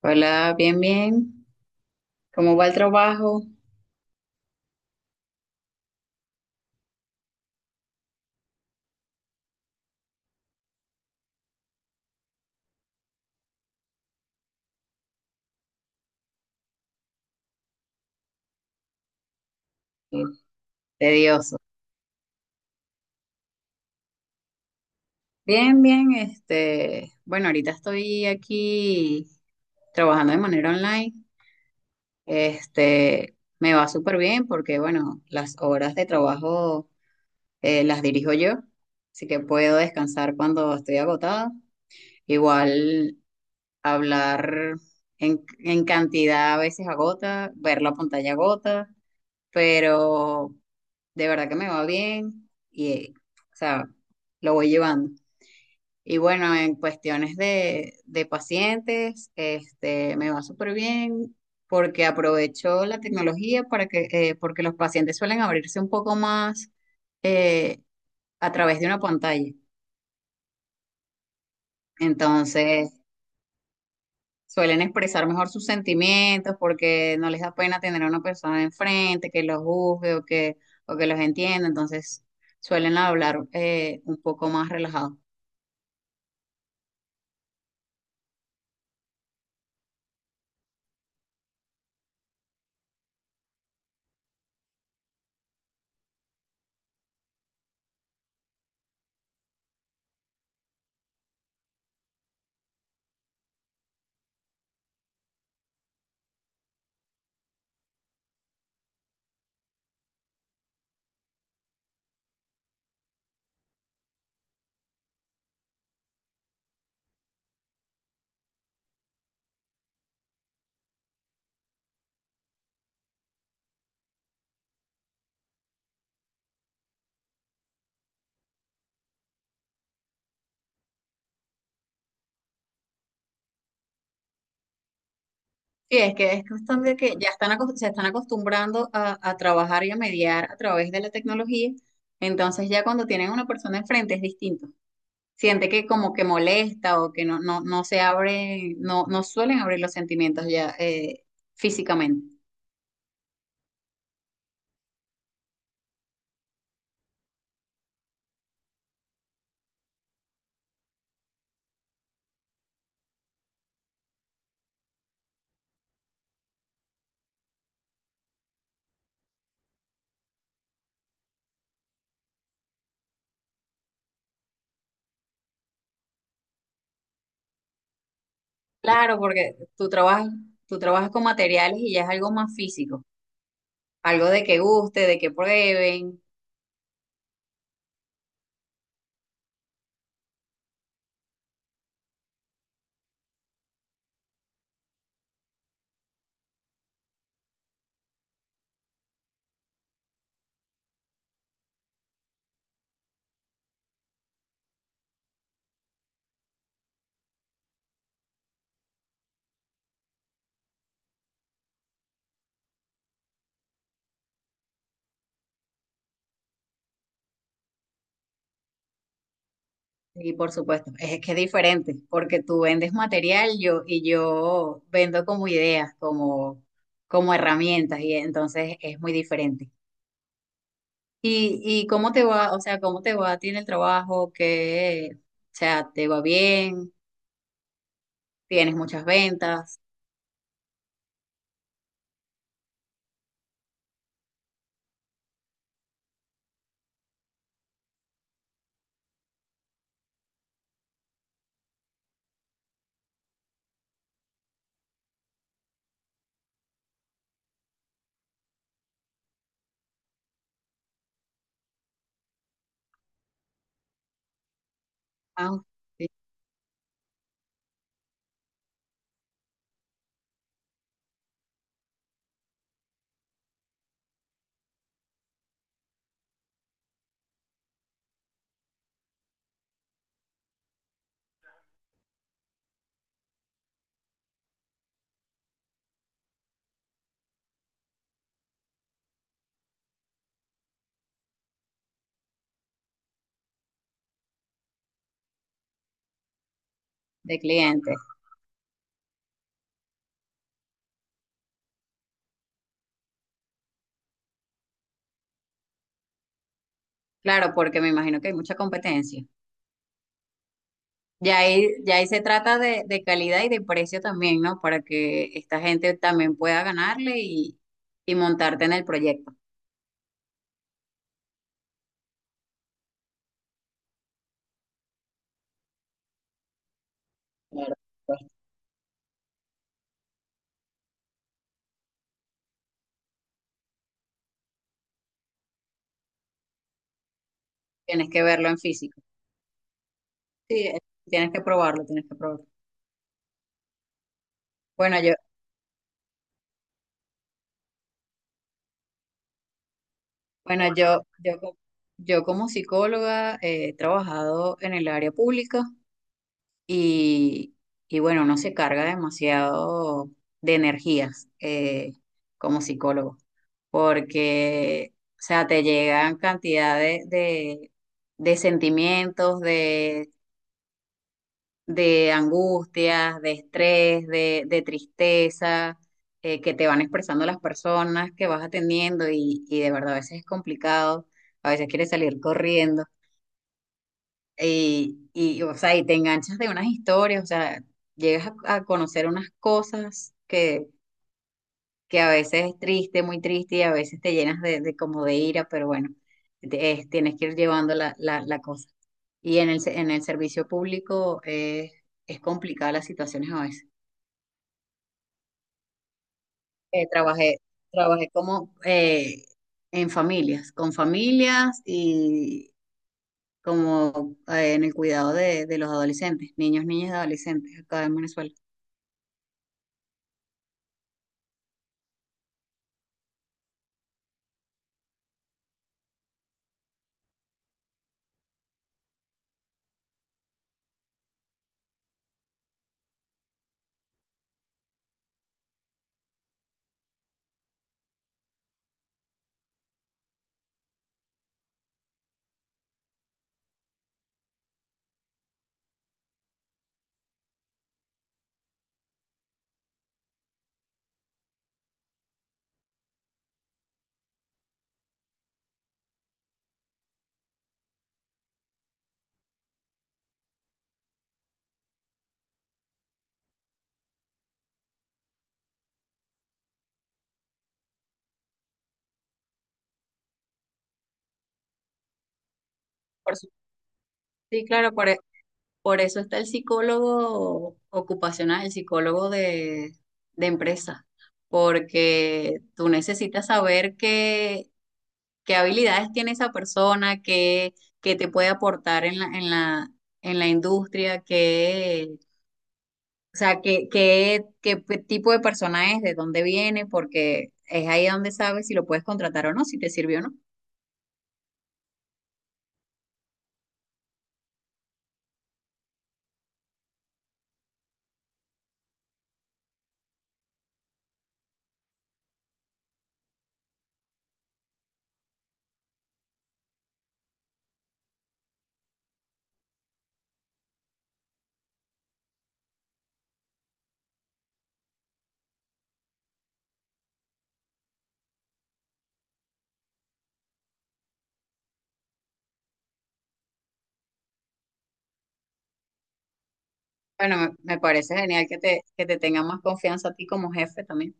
Hola, bien, bien. ¿Cómo va el trabajo? Eh, Tedioso. Bien, bien. Bueno, ahorita estoy aquí trabajando de manera online. Me va súper bien porque, bueno, las horas de trabajo las dirijo yo, así que puedo descansar cuando estoy agotada. Igual hablar en cantidad a veces agota, ver la pantalla agota, pero de verdad que me va bien y, o sea, lo voy llevando. Y bueno, en cuestiones de pacientes, me va súper bien porque aprovecho la tecnología para que, porque los pacientes suelen abrirse un poco más eh, a través de una pantalla. Entonces, suelen expresar mejor sus sentimientos porque no les da pena tener a una persona enfrente que los juzgue o que los entienda. Entonces, suelen hablar un poco más relajados. Sí, es que es cuestión de que ya están se están acostumbrando a trabajar y a mediar a través de la tecnología, entonces ya cuando tienen una persona enfrente es distinto. Siente que como que molesta o que no, no, no se abre, no, no suelen abrir los sentimientos ya físicamente. Claro, porque tú trabajas con materiales y ya es algo más físico, algo de que guste, de que prueben. Sí, por supuesto. Es que es diferente, porque tú vendes material yo, y yo vendo como ideas, como, como herramientas, y entonces es muy diferente. Y cómo te va? O sea, ¿cómo te va a ti en el trabajo? ¿Que o sea, te va bien? ¿Tienes muchas ventas? Ah, sí, de clientes. Claro, porque me imagino que hay mucha competencia. Ya ahí se trata de calidad y de precio también, ¿no? Para que esta gente también pueda ganarle y montarte en el proyecto. Claro, pues, tienes que verlo en físico. Sí, tienes que probarlo, tienes que probarlo. Bueno, yo, bueno, yo, yo, co- yo como psicóloga he trabajado en el área pública y, y bueno, uno se carga demasiado de energías como psicólogo, porque, o sea, te llegan cantidad de sentimientos, de angustias, de estrés, de tristeza, que te van expresando las personas que vas atendiendo y de verdad a veces es complicado, a veces quieres salir corriendo y, o sea, y te enganchas de unas historias, o sea, llegas a conocer unas cosas que a veces es triste, muy triste y a veces te llenas de como de ira, pero bueno, tienes que ir llevando la cosa. Y en el, en el servicio público es complicada las situaciones a veces. eh, trabajé, Trabajé como en familias, con familias y como en el cuidado de los adolescentes, niños, niñas y adolescentes acá en Venezuela. Por su- sí, claro, por eso está el psicólogo ocupacional, el psicólogo de empresa, porque tú necesitas saber qué, qué habilidades tiene esa persona, qué, qué te puede aportar en en la industria, qué. O sea, ¿qué, qué, qué tipo de persona es, de dónde viene? Porque es ahí donde sabes si lo puedes contratar o no, si te sirvió o no. Bueno, me parece genial que que te tenga más confianza a ti como jefe también.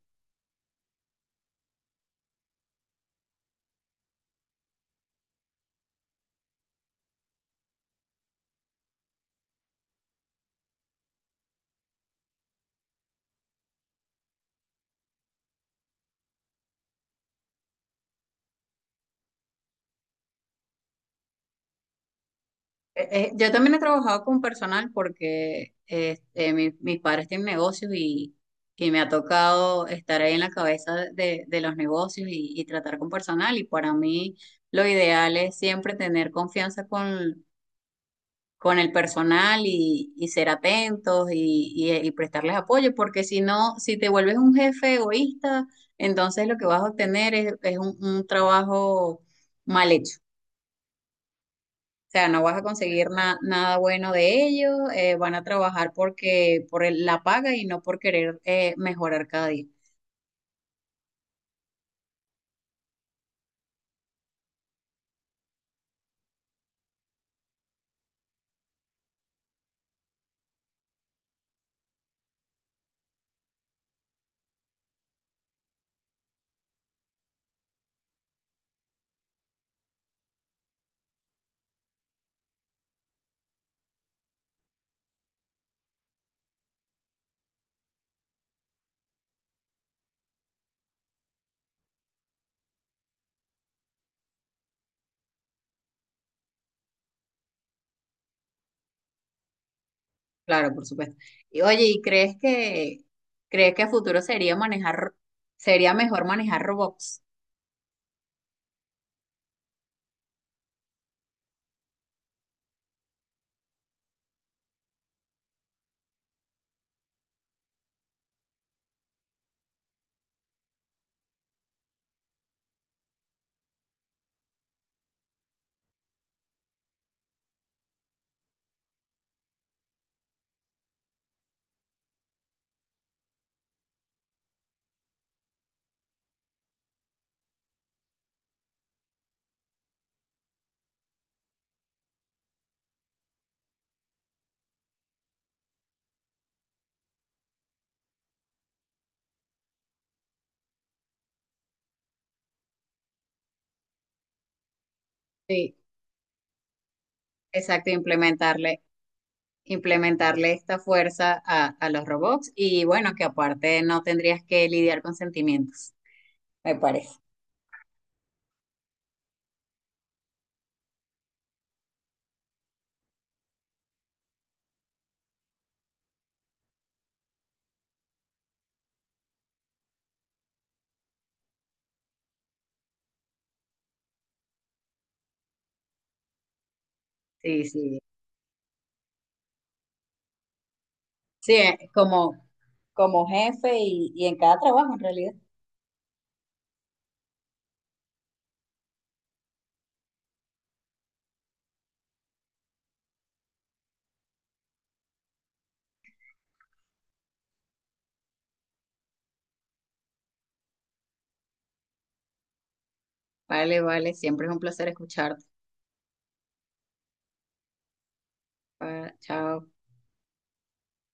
Yo también he trabajado con personal porque este, mis padres tienen negocios y me ha tocado estar ahí en la cabeza de los negocios y tratar con personal. Y para mí lo ideal es siempre tener confianza con el personal y ser atentos y, y prestarles apoyo, porque si no, si te vuelves un jefe egoísta, entonces lo que vas a obtener es un trabajo mal hecho. O sea, no vas a conseguir nada bueno de ellos, van a trabajar porque por la paga y no por querer mejorar cada día. Claro, por supuesto. Y oye, ¿crees que a futuro sería mejor manejar robots? Sí, exacto, implementarle esta fuerza a los robots y bueno, que aparte no tendrías que lidiar con sentimientos, me parece. Sí, sí. Sí, como, como jefe y en cada trabajo en realidad. Vale, vale, siempre es un placer escucharte. Chao.